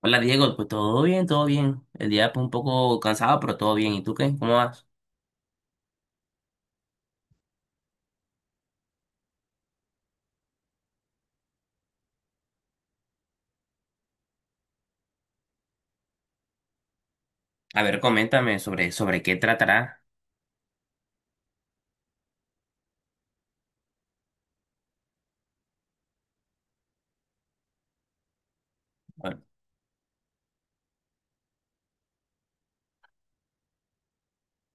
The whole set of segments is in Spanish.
Hola Diego, pues todo bien, todo bien. El día pues un poco cansado, pero todo bien. ¿Y tú qué? ¿Cómo vas? A ver, coméntame sobre qué tratará. Bueno,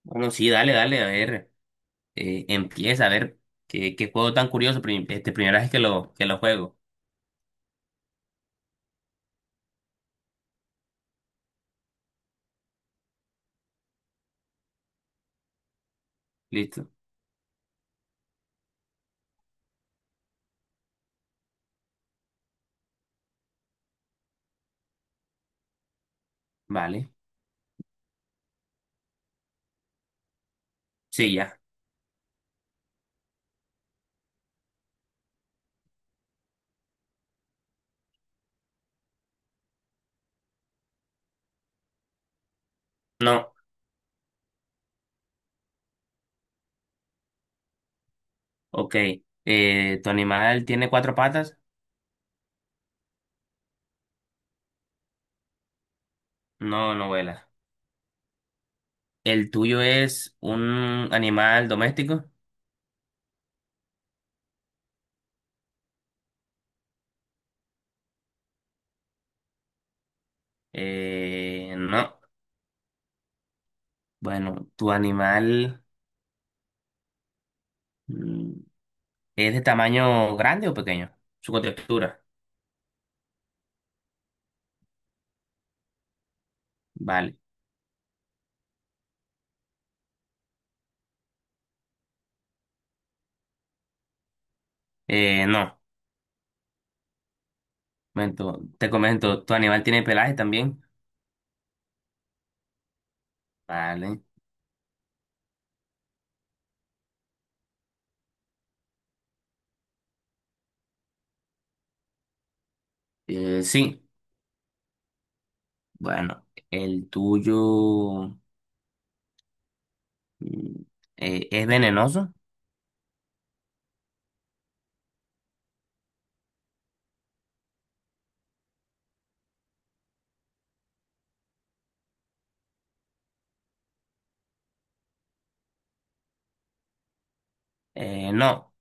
bueno, sí, dale, dale, a ver, empieza a ver qué juego tan curioso, primera vez que lo juego. Listo, vale. Sí, ya. No, ok. ¿Tu animal tiene cuatro patas? No, no vuela. ¿El tuyo es un animal doméstico? No. Bueno, tu animal... mm, ¿Es de tamaño grande o pequeño? Su contextura. Vale. No. Momento, te comento, ¿tu animal tiene pelaje también? Vale. Sí. Bueno, el tuyo, mm, ¿es venenoso? No.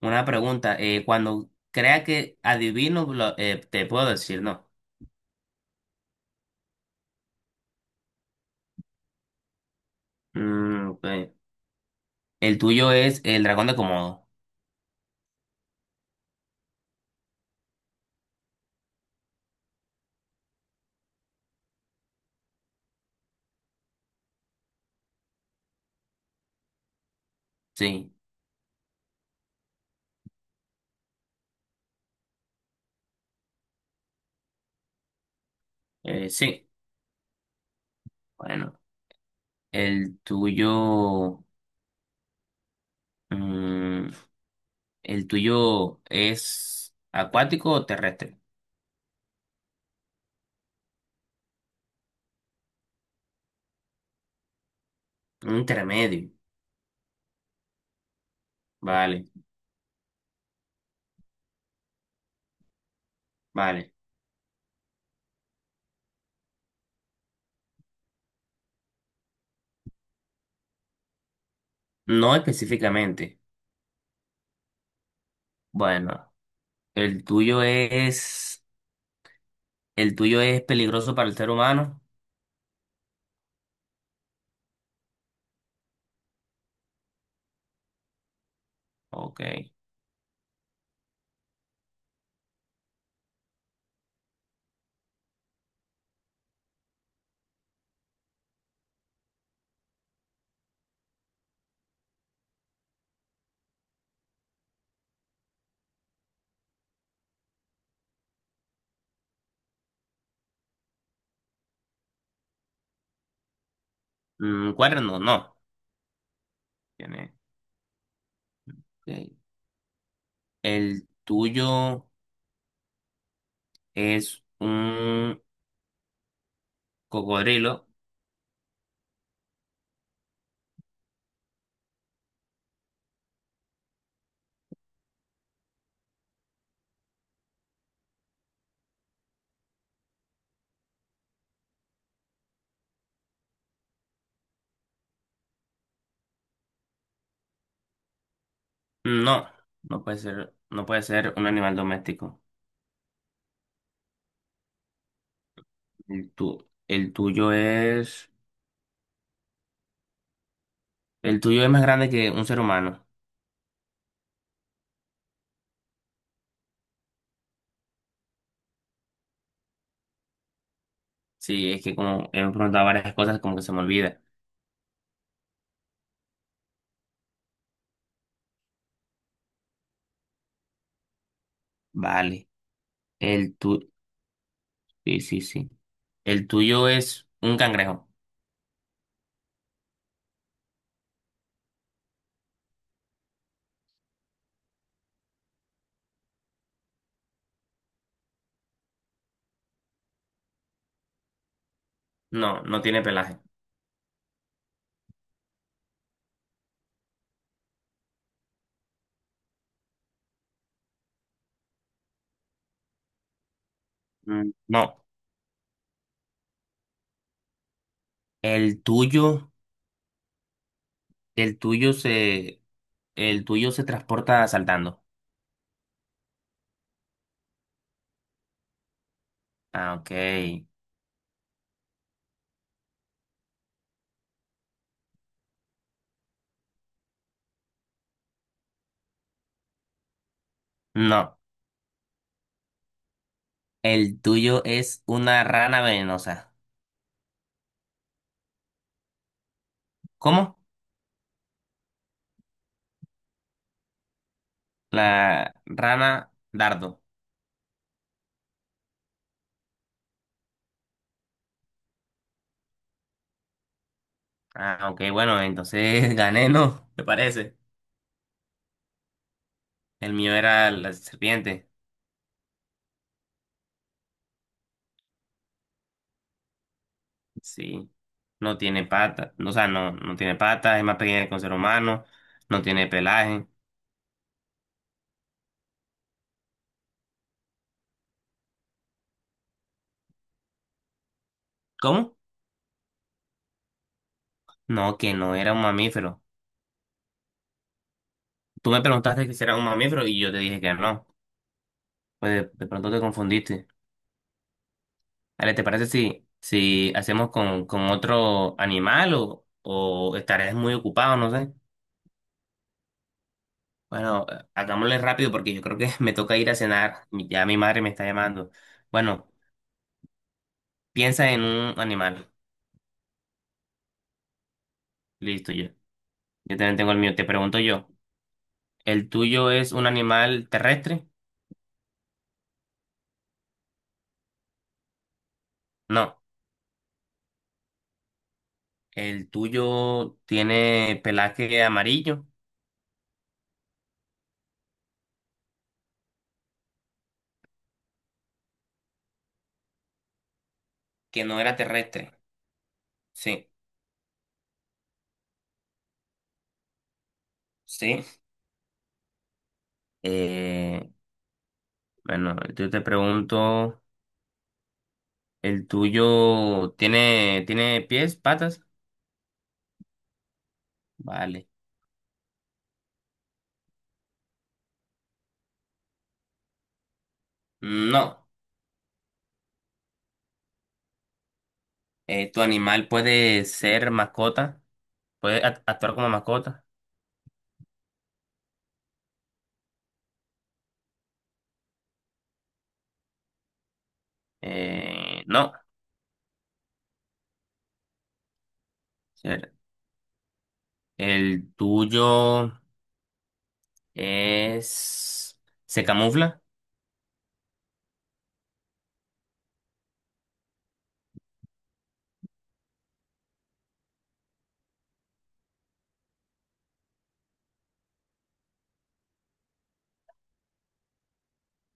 Una pregunta, cuando crea que adivino, te puedo decir no. Ok. El tuyo es el dragón de Komodo. Sí. Sí. Bueno. El tuyo, mm, ¿el tuyo es acuático o terrestre? Un intermedio. Vale, vale. No específicamente. Bueno, ¿el tuyo es, ¿el tuyo es peligroso para el ser humano? Ok. Mm, cuerno, no. Tiene. Ok. ¿El tuyo es un cocodrilo? No, no puede ser, no puede ser un animal doméstico. El tu- el tuyo es, el tuyo es más grande que un ser humano. Sí, es que como hemos preguntado varias cosas, como que se me olvida. Vale. El tu... Sí, sí, sí. El tuyo es un cangrejo. No, no tiene pelaje. Mm, no. El tuyo, el tuyo se, el tuyo se transporta saltando. Ah, ok. No. El tuyo es una rana venenosa. ¿Cómo? La rana dardo. Ah, ok, bueno, entonces gané, ¿no? ¿Te parece? El mío era la serpiente. Sí, no tiene patas, o sea, no tiene patas, es más pequeña que un ser humano, no tiene pelaje. ¿Cómo? No, que no era un mamífero. Tú me preguntaste que si era un mamífero y yo te dije que no. Pues de pronto te confundiste. Ale, ¿te parece si, si hacemos con otro animal o estarás muy ocupado, no sé? Bueno, hagámosle rápido porque yo creo que me toca ir a cenar. Mi- ya mi madre me está llamando. Bueno, piensa en un animal. Listo, yo. Yo también tengo el mío. Te pregunto yo. ¿El tuyo es un animal terrestre? No. ¿El tuyo tiene pelaje amarillo? Que no era terrestre. Sí. Sí. Eh, bueno, yo te pregunto, ¿tiene pies, patas? Vale. No. ¿Tu animal puede ser mascota? ¿Puede actuar como mascota? No. Ser- ¿El tuyo es... ¿se camufla?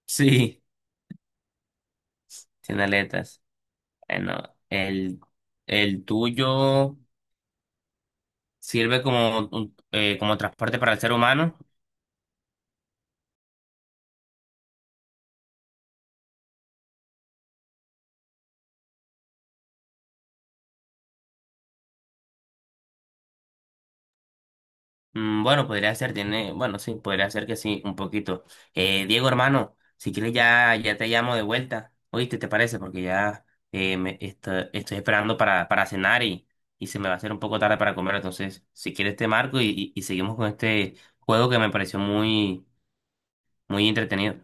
Sí. Tiene aletas. Bueno, el, el tuyo sirve como, como transporte para el ser humano. Mm, bueno, podría ser, tiene, bueno, sí, podría ser que sí, un poquito. Diego, hermano, si quieres ya, ya te llamo de vuelta. ¿Oíste, te parece? Porque ya estoy esperando para cenar y se me va a hacer un poco tarde para comer. Entonces, si quieres te marco y, y seguimos con este juego que me pareció muy entretenido.